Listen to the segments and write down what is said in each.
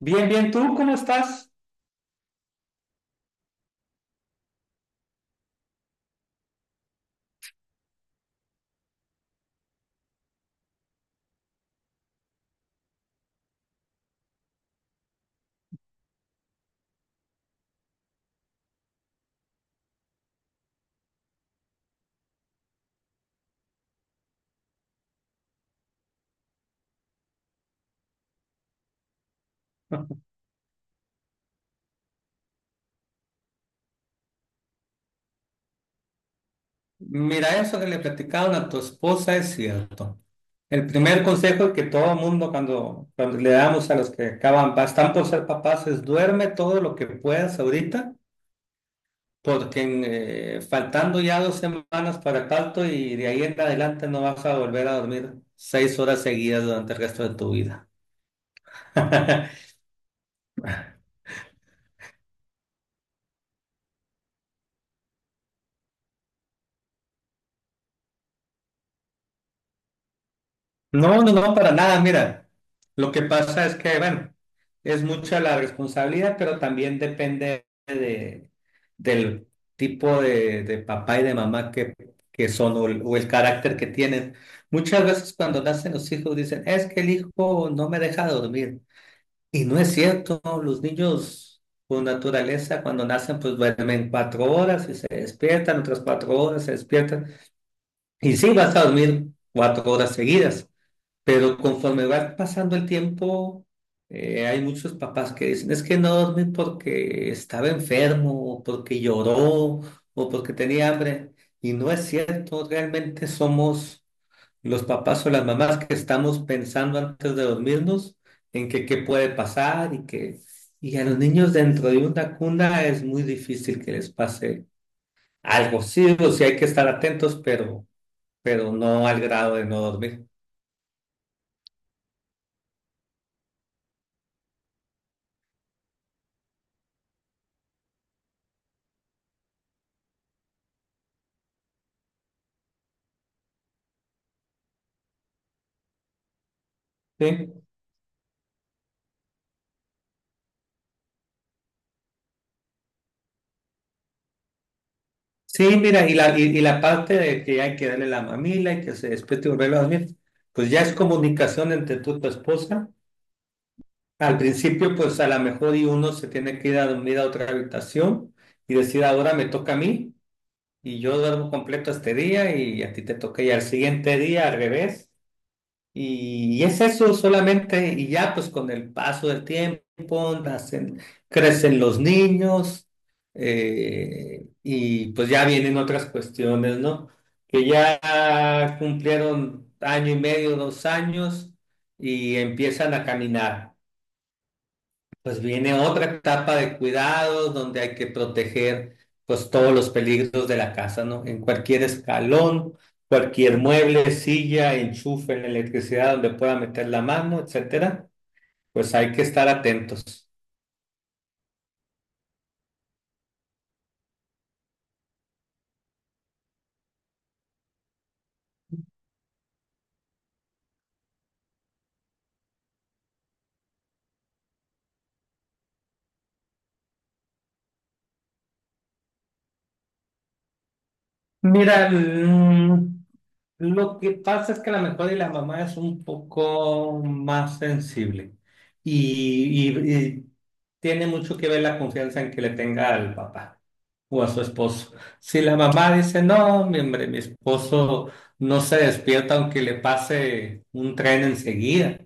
Bien, bien, ¿tú cómo estás? Mira, eso que le platicaron a tu esposa es cierto. El primer consejo que todo mundo cuando le damos a los que acaban, están por ser papás, es duerme todo lo que puedas ahorita, porque faltando ya 2 semanas para el parto y de ahí en adelante no vas a volver a dormir 6 horas seguidas durante el resto de tu vida. No, no, no, para nada. Mira, lo que pasa es que, bueno, es mucha la responsabilidad, pero también depende del tipo de papá y de mamá que son o o el carácter que tienen. Muchas veces cuando nacen los hijos dicen, es que el hijo no me deja dormir. Y no es cierto, los niños por naturaleza cuando nacen pues duermen 4 horas y se despiertan, otras 4 horas se despiertan. Y sí, vas a dormir 4 horas seguidas pero conforme va pasando el tiempo, hay muchos papás que dicen, es que no dormí porque estaba enfermo, o porque lloró, o porque tenía hambre. Y no es cierto, realmente somos los papás o las mamás que estamos pensando antes de dormirnos en que qué puede pasar y que... Y a los niños dentro de una cuna es muy difícil que les pase algo. Sí, o sí hay que estar atentos, pero no al grado de no dormir. ¿Sí? Sí, mira, y la parte de que hay que darle la mamila y que se despierte y volverlo a dormir, pues ya es comunicación entre tú y tu esposa. Al principio, pues a lo mejor y uno se tiene que ir a dormir a otra habitación y decir, ahora me toca a mí y yo duermo completo este día y a ti te toca ya el siguiente día al revés. Y es eso solamente, y ya pues con el paso del tiempo nacen, crecen los niños, y pues ya vienen otras cuestiones, ¿no? Que ya cumplieron año y medio, dos años, y empiezan a caminar. Pues viene otra etapa de cuidados donde hay que proteger pues todos los peligros de la casa, ¿no? En cualquier escalón, cualquier mueble, silla, enchufe, en la electricidad donde pueda meter la mano, etcétera, pues hay que estar atentos. Mira, lo que pasa es que la mejor y la mamá es un poco más sensible y tiene mucho que ver la confianza en que le tenga al papá o a su esposo. Si la mamá dice, no, mi hombre, mi esposo no se despierta aunque le pase un tren enseguida,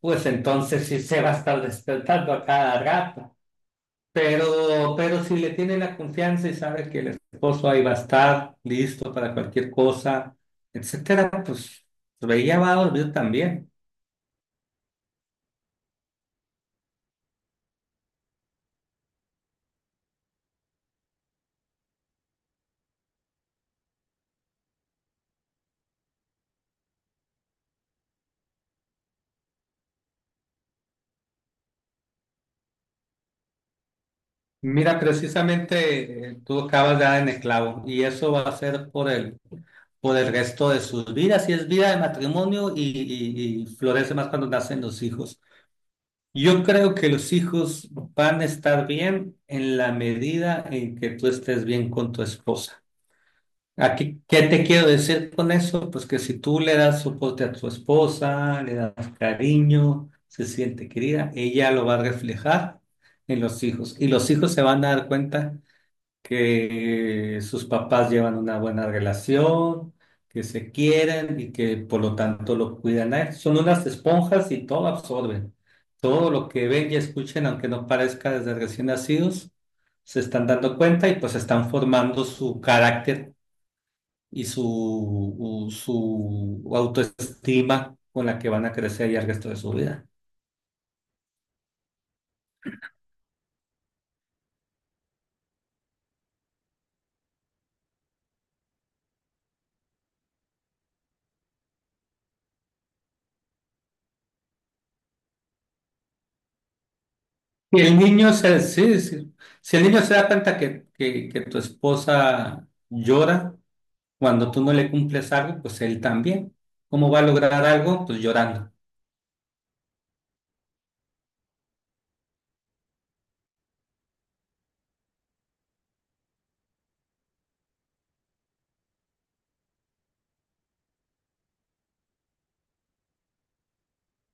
pues entonces sí se va a estar despertando a cada rato. Pero si le tiene la confianza y sabe que el esposo ahí va a estar listo para cualquier cosa, etcétera, pues ella va a dormir también. Mira, precisamente tú acabas de dar en el clavo y eso va a ser por por el resto de sus vidas, y es vida de matrimonio y, y florece más cuando nacen los hijos. Yo creo que los hijos van a estar bien en la medida en que tú estés bien con tu esposa. Aquí, ¿qué te quiero decir con eso? Pues que si tú le das soporte a tu esposa, le das cariño, se siente querida, ella lo va a reflejar en los hijos y los hijos se van a dar cuenta que sus papás llevan una buena relación, que se quieren y que por lo tanto lo cuidan a él. Son unas esponjas y todo absorben. Todo lo que ven y escuchen, aunque no parezca desde recién nacidos, se están dando cuenta y pues están formando su carácter y su autoestima con la que van a crecer ya el resto de su vida. Sí, sí. Si el niño se da cuenta que tu esposa llora, cuando tú no le cumples algo, pues él también. ¿Cómo va a lograr algo? Pues llorando.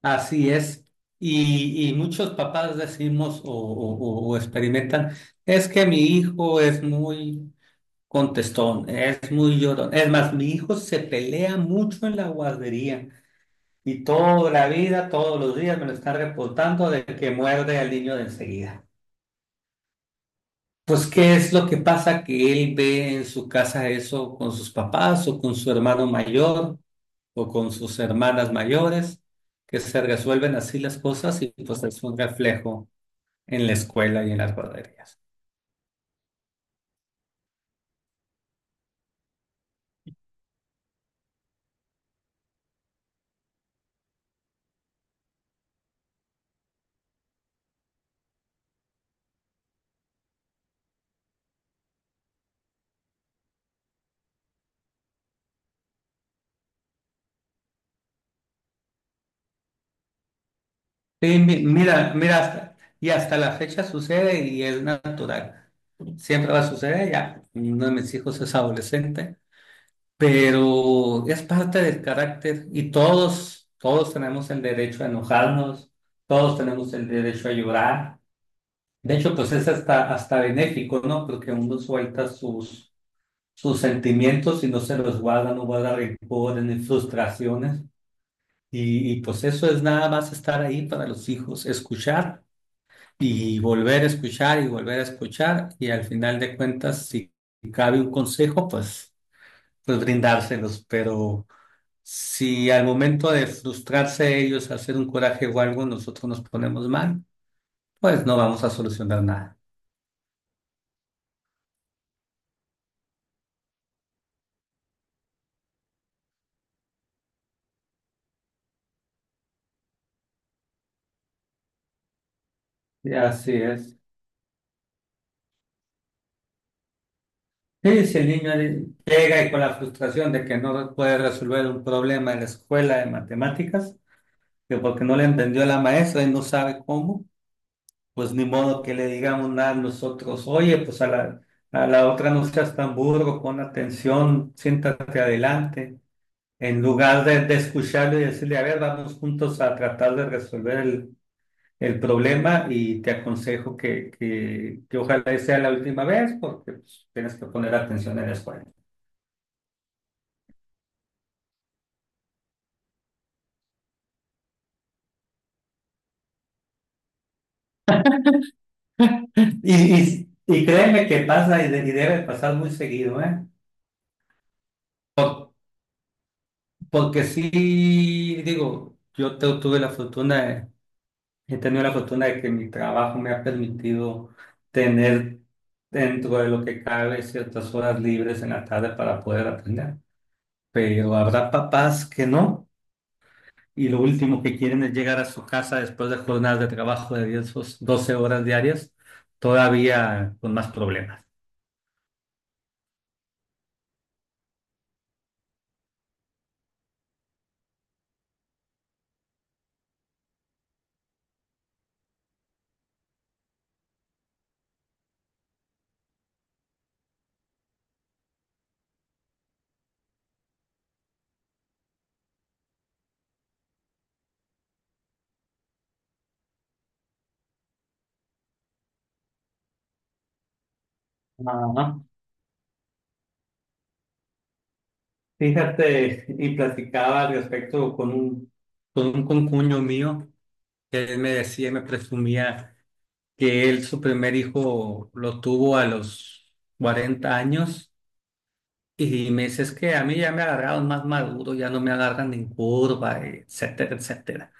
Así es. Y muchos papás decimos o experimentan, es que mi hijo es muy contestón, es muy llorón. Es más, mi hijo se pelea mucho en la guardería y toda la vida, todos los días me lo están reportando de que muerde al niño de enseguida. Pues, ¿qué es lo que pasa? Que él ve en su casa eso con sus papás o con su hermano mayor o con sus hermanas mayores, que se resuelven así las cosas y pues es un reflejo en la escuela y en las guarderías. Sí, y hasta la fecha sucede y es natural. Siempre va a suceder, ya uno de mis hijos es adolescente, pero es parte del carácter y todos tenemos el derecho a enojarnos, todos tenemos el derecho a llorar. De hecho, pues es hasta benéfico, ¿no? Porque uno suelta sus sus sentimientos y no se los guarda, no guarda rencores ni frustraciones. Pues eso es nada más estar ahí para los hijos, escuchar y volver a escuchar y volver a escuchar. Y al final de cuentas, si cabe un consejo, pues brindárselos. Pero si al momento de frustrarse ellos, hacer un coraje o algo, nosotros nos ponemos mal, pues no vamos a solucionar nada. Y así es. Sí, si el niño llega y con la frustración de que no puede resolver un problema en la escuela de matemáticas, que porque no le entendió la maestra y no sabe cómo, pues ni modo que le digamos nada a nosotros, oye, pues a a la otra no seas tan burro, pon atención, siéntate adelante, en lugar de escucharlo y decirle, a ver, vamos juntos a tratar de resolver el problema y te aconsejo que ojalá y sea la última vez porque pues, tienes que poner atención en la escuela. Y créeme que pasa y debe pasar muy seguido, ¿eh? Por- Porque sí, digo, tuve la fortuna, he tenido la fortuna de que mi trabajo me ha permitido tener dentro de lo que cabe ciertas horas libres en la tarde para poder aprender. Pero habrá papás que no, y lo último que quieren es llegar a su casa después de jornadas de trabajo de 10 o 12 horas diarias, todavía con más problemas. Ajá. Fíjate, y platicaba al respecto con un concuño mío, que él me decía, y me presumía que él su primer hijo lo tuvo a los 40 años y me dice, es que a mí ya me agarraron más maduro, ya no me agarran en curva, etcétera, etcétera.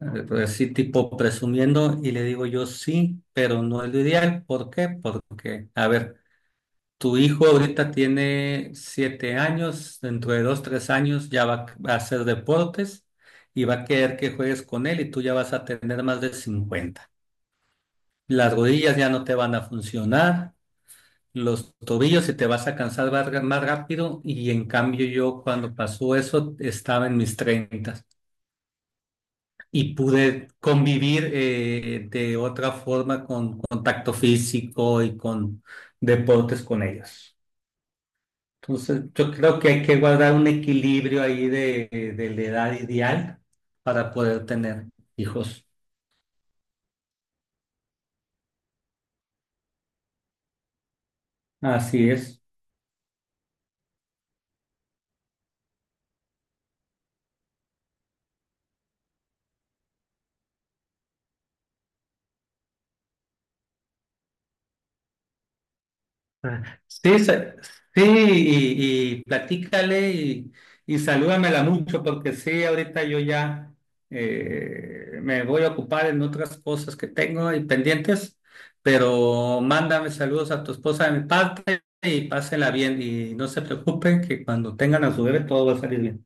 Pues sí, tipo presumiendo y le digo yo sí, pero no es lo ideal. ¿Por qué? Porque, a ver. Tu hijo ahorita tiene siete años, dentro de dos, tres años ya va a hacer deportes y va a querer que juegues con él y tú ya vas a tener más de 50. Las rodillas ya no te van a funcionar, los tobillos y te vas a cansar más rápido y en cambio yo cuando pasó eso estaba en mis 30 y pude convivir de otra forma con contacto físico y con deportes con ellos. Entonces, yo creo que hay que guardar un equilibrio ahí de la edad ideal para poder tener hijos. Así es. Ah, Sí, sa- sí, y platícale y salúdamela mucho, porque sí, ahorita yo ya me voy a ocupar en otras cosas que tengo y pendientes, pero mándame saludos a tu esposa de mi parte y pásenla bien y no se preocupen que cuando tengan a su bebé todo va a salir bien.